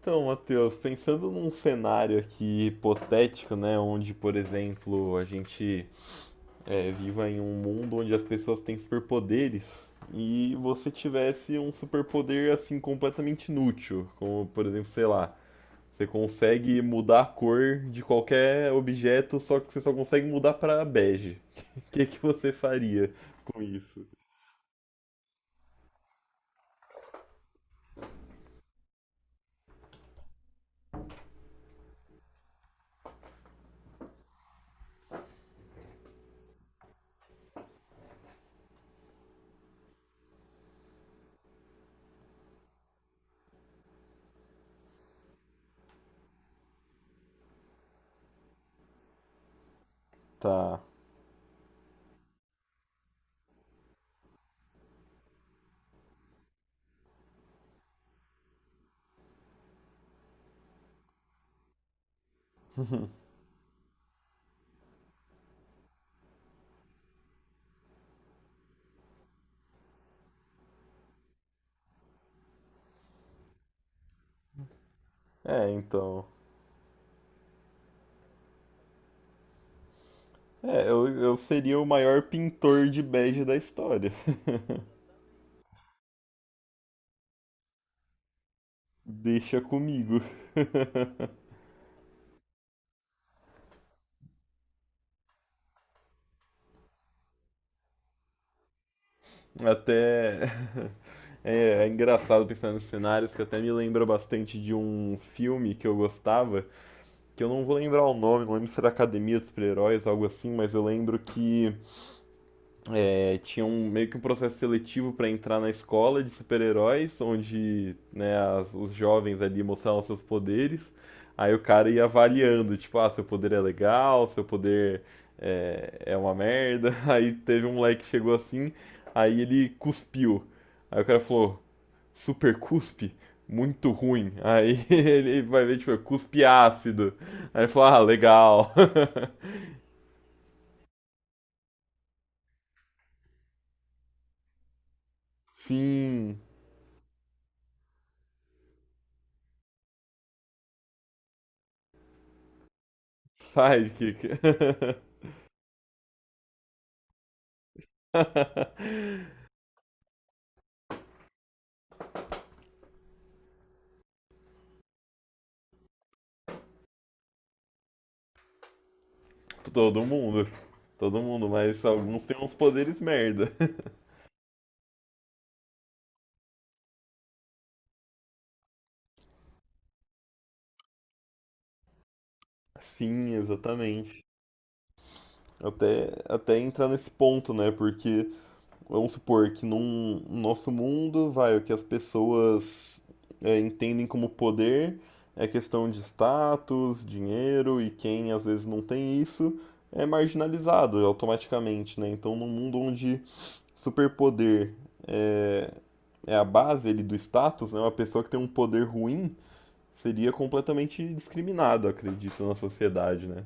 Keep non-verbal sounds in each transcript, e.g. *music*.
Então, Matheus, pensando num cenário aqui hipotético, né, onde, por exemplo, a gente viva em um mundo onde as pessoas têm superpoderes e você tivesse um superpoder assim completamente inútil, como, por exemplo, sei lá, você consegue mudar a cor de qualquer objeto, só que você só consegue mudar para bege. *laughs* O que que você faria com isso? Tá. É, então. É, eu seria o maior pintor de bege da história. *laughs* Deixa comigo. *laughs* Até. *laughs* É, é engraçado pensar nos cenários, que até me lembra bastante de um filme que eu gostava, que eu não vou lembrar o nome, não lembro se era Academia dos Super-Heróis, algo assim, mas eu lembro que tinha um, meio que um processo seletivo para entrar na escola de super-heróis, onde né, os jovens ali mostravam seus poderes. Aí o cara ia avaliando, tipo, ah, seu poder é legal, seu poder é uma merda. *laughs* Aí teve um moleque que chegou assim, aí ele cuspiu. Aí o cara falou, super cuspe? Muito ruim. Aí *laughs* ele vai ver, tipo, cuspe ácido. Aí ele falou, ah, legal. *laughs* Sim, sai, Kika. *laughs* *laughs* Todo mundo. Todo mundo, mas alguns têm uns poderes merda. *laughs* Sim, exatamente. Até, até entrar nesse ponto, né? Porque, vamos supor que num no nosso mundo, vai, o que as pessoas entendem como poder é questão de status, dinheiro, e quem às vezes não tem isso é marginalizado automaticamente, né? Então, num mundo onde Superpoder é, é a base ele do status, né? Uma pessoa que tem um poder ruim seria completamente discriminado, acredito, na sociedade, né?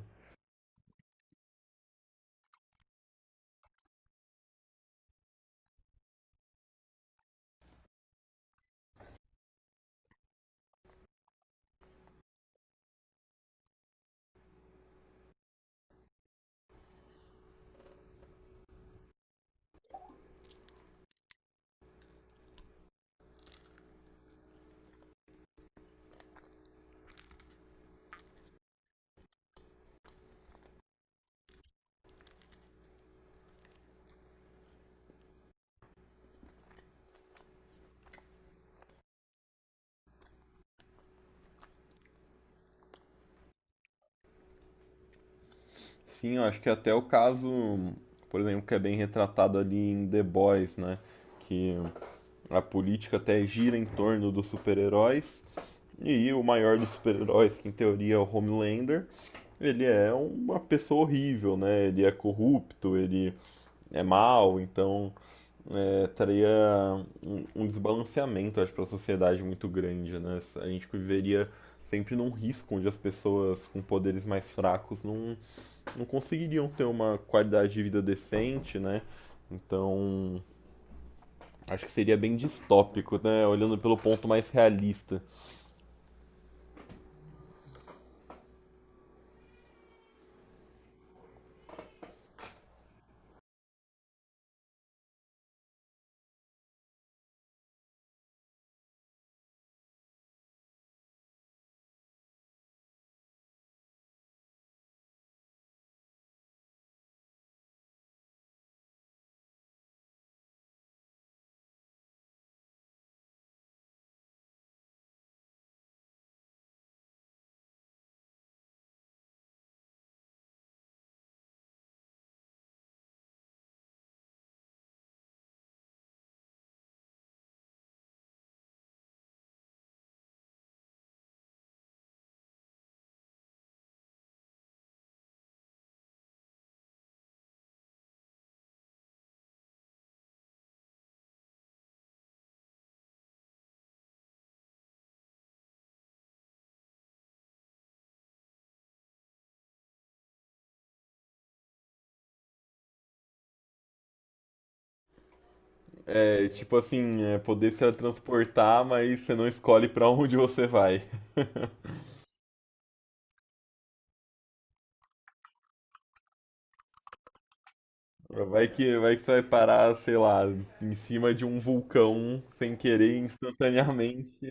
Sim, eu acho que até o caso, por exemplo, que é bem retratado ali em The Boys, né? Que a política até gira em torno dos super-heróis. E o maior dos super-heróis, que em teoria é o Homelander, ele é uma pessoa horrível, né? Ele é corrupto, ele é mau, então traria um desbalanceamento, acho, para a sociedade muito grande, né? A gente viveria sempre num risco onde as pessoas com poderes mais fracos não conseguiriam ter uma qualidade de vida decente, né? Então, acho que seria bem distópico, né? Olhando pelo ponto mais realista. É, tipo assim, é poder se transportar, mas você não escolhe para onde você vai. *laughs* Vai que você vai parar, sei lá, em cima de um vulcão sem querer instantaneamente.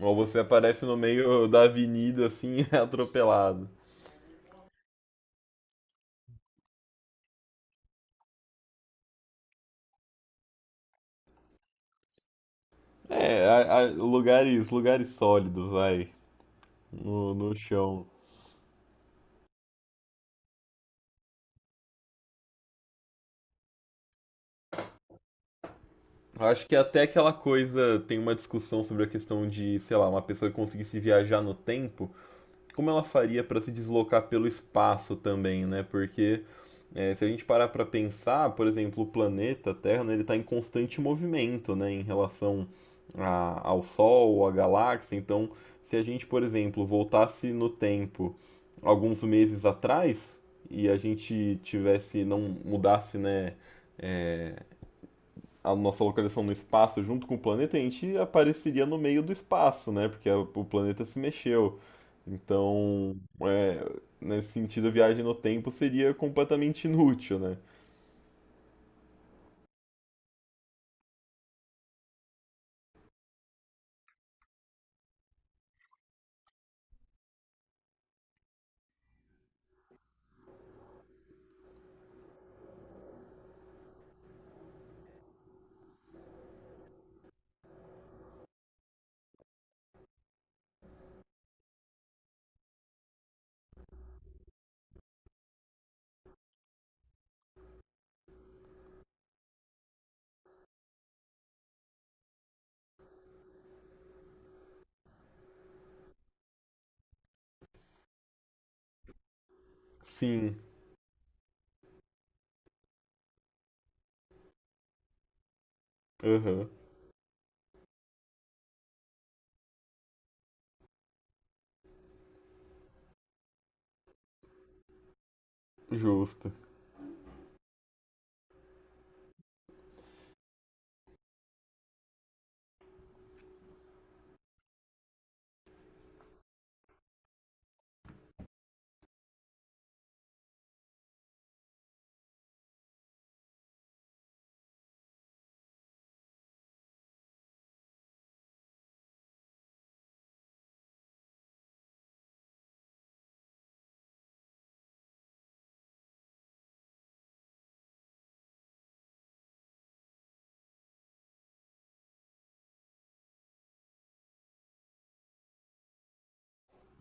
Ou você aparece no meio da avenida assim, *laughs* atropelado. É, lugares, lugares sólidos, vai, no chão. Eu acho que até aquela coisa, tem uma discussão sobre a questão de, sei lá, uma pessoa que conseguisse viajar no tempo, como ela faria para se deslocar pelo espaço também, né? Porque se a gente parar para pensar, por exemplo, o planeta Terra, né, ele está em constante movimento, né, em relação ao Sol, à galáxia. Então, se a gente, por exemplo, voltasse no tempo alguns meses atrás e a gente tivesse, não mudasse, né, a nossa localização no espaço junto com o planeta, a gente apareceria no meio do espaço, né? Porque o planeta se mexeu. Então, é, nesse sentido, a viagem no tempo seria completamente inútil, né? Sim, aham, justo.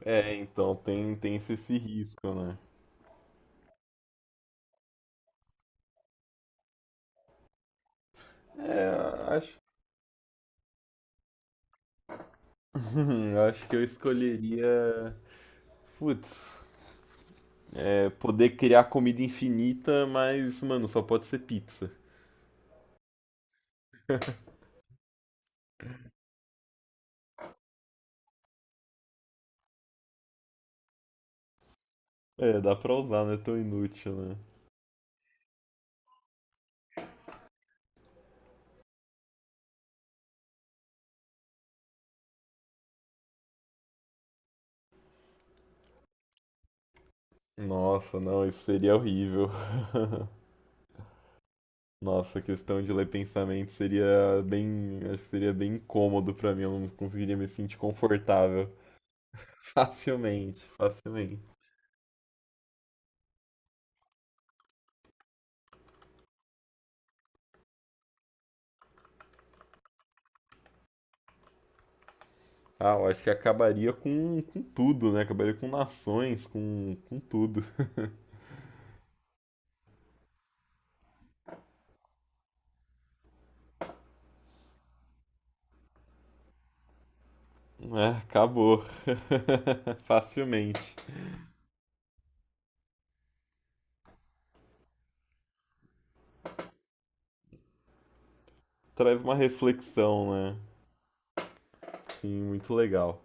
É, então tem, tem esse, esse risco, né? É, acho, *laughs* acho que eu escolheria. Putz, é, poder criar comida infinita, mas, mano, só pode ser pizza. É, dá pra usar, não é tão inútil, né? Nossa, não, isso seria horrível. *laughs* Nossa, a questão de ler pensamento seria bem, acho que seria bem incômodo pra mim, eu não conseguiria me sentir confortável. *laughs* Facilmente, facilmente. Ah, eu acho que acabaria com tudo, né? Acabaria com nações, com tudo. É, acabou. *laughs* Facilmente. Traz uma reflexão, né? Sim, muito legal.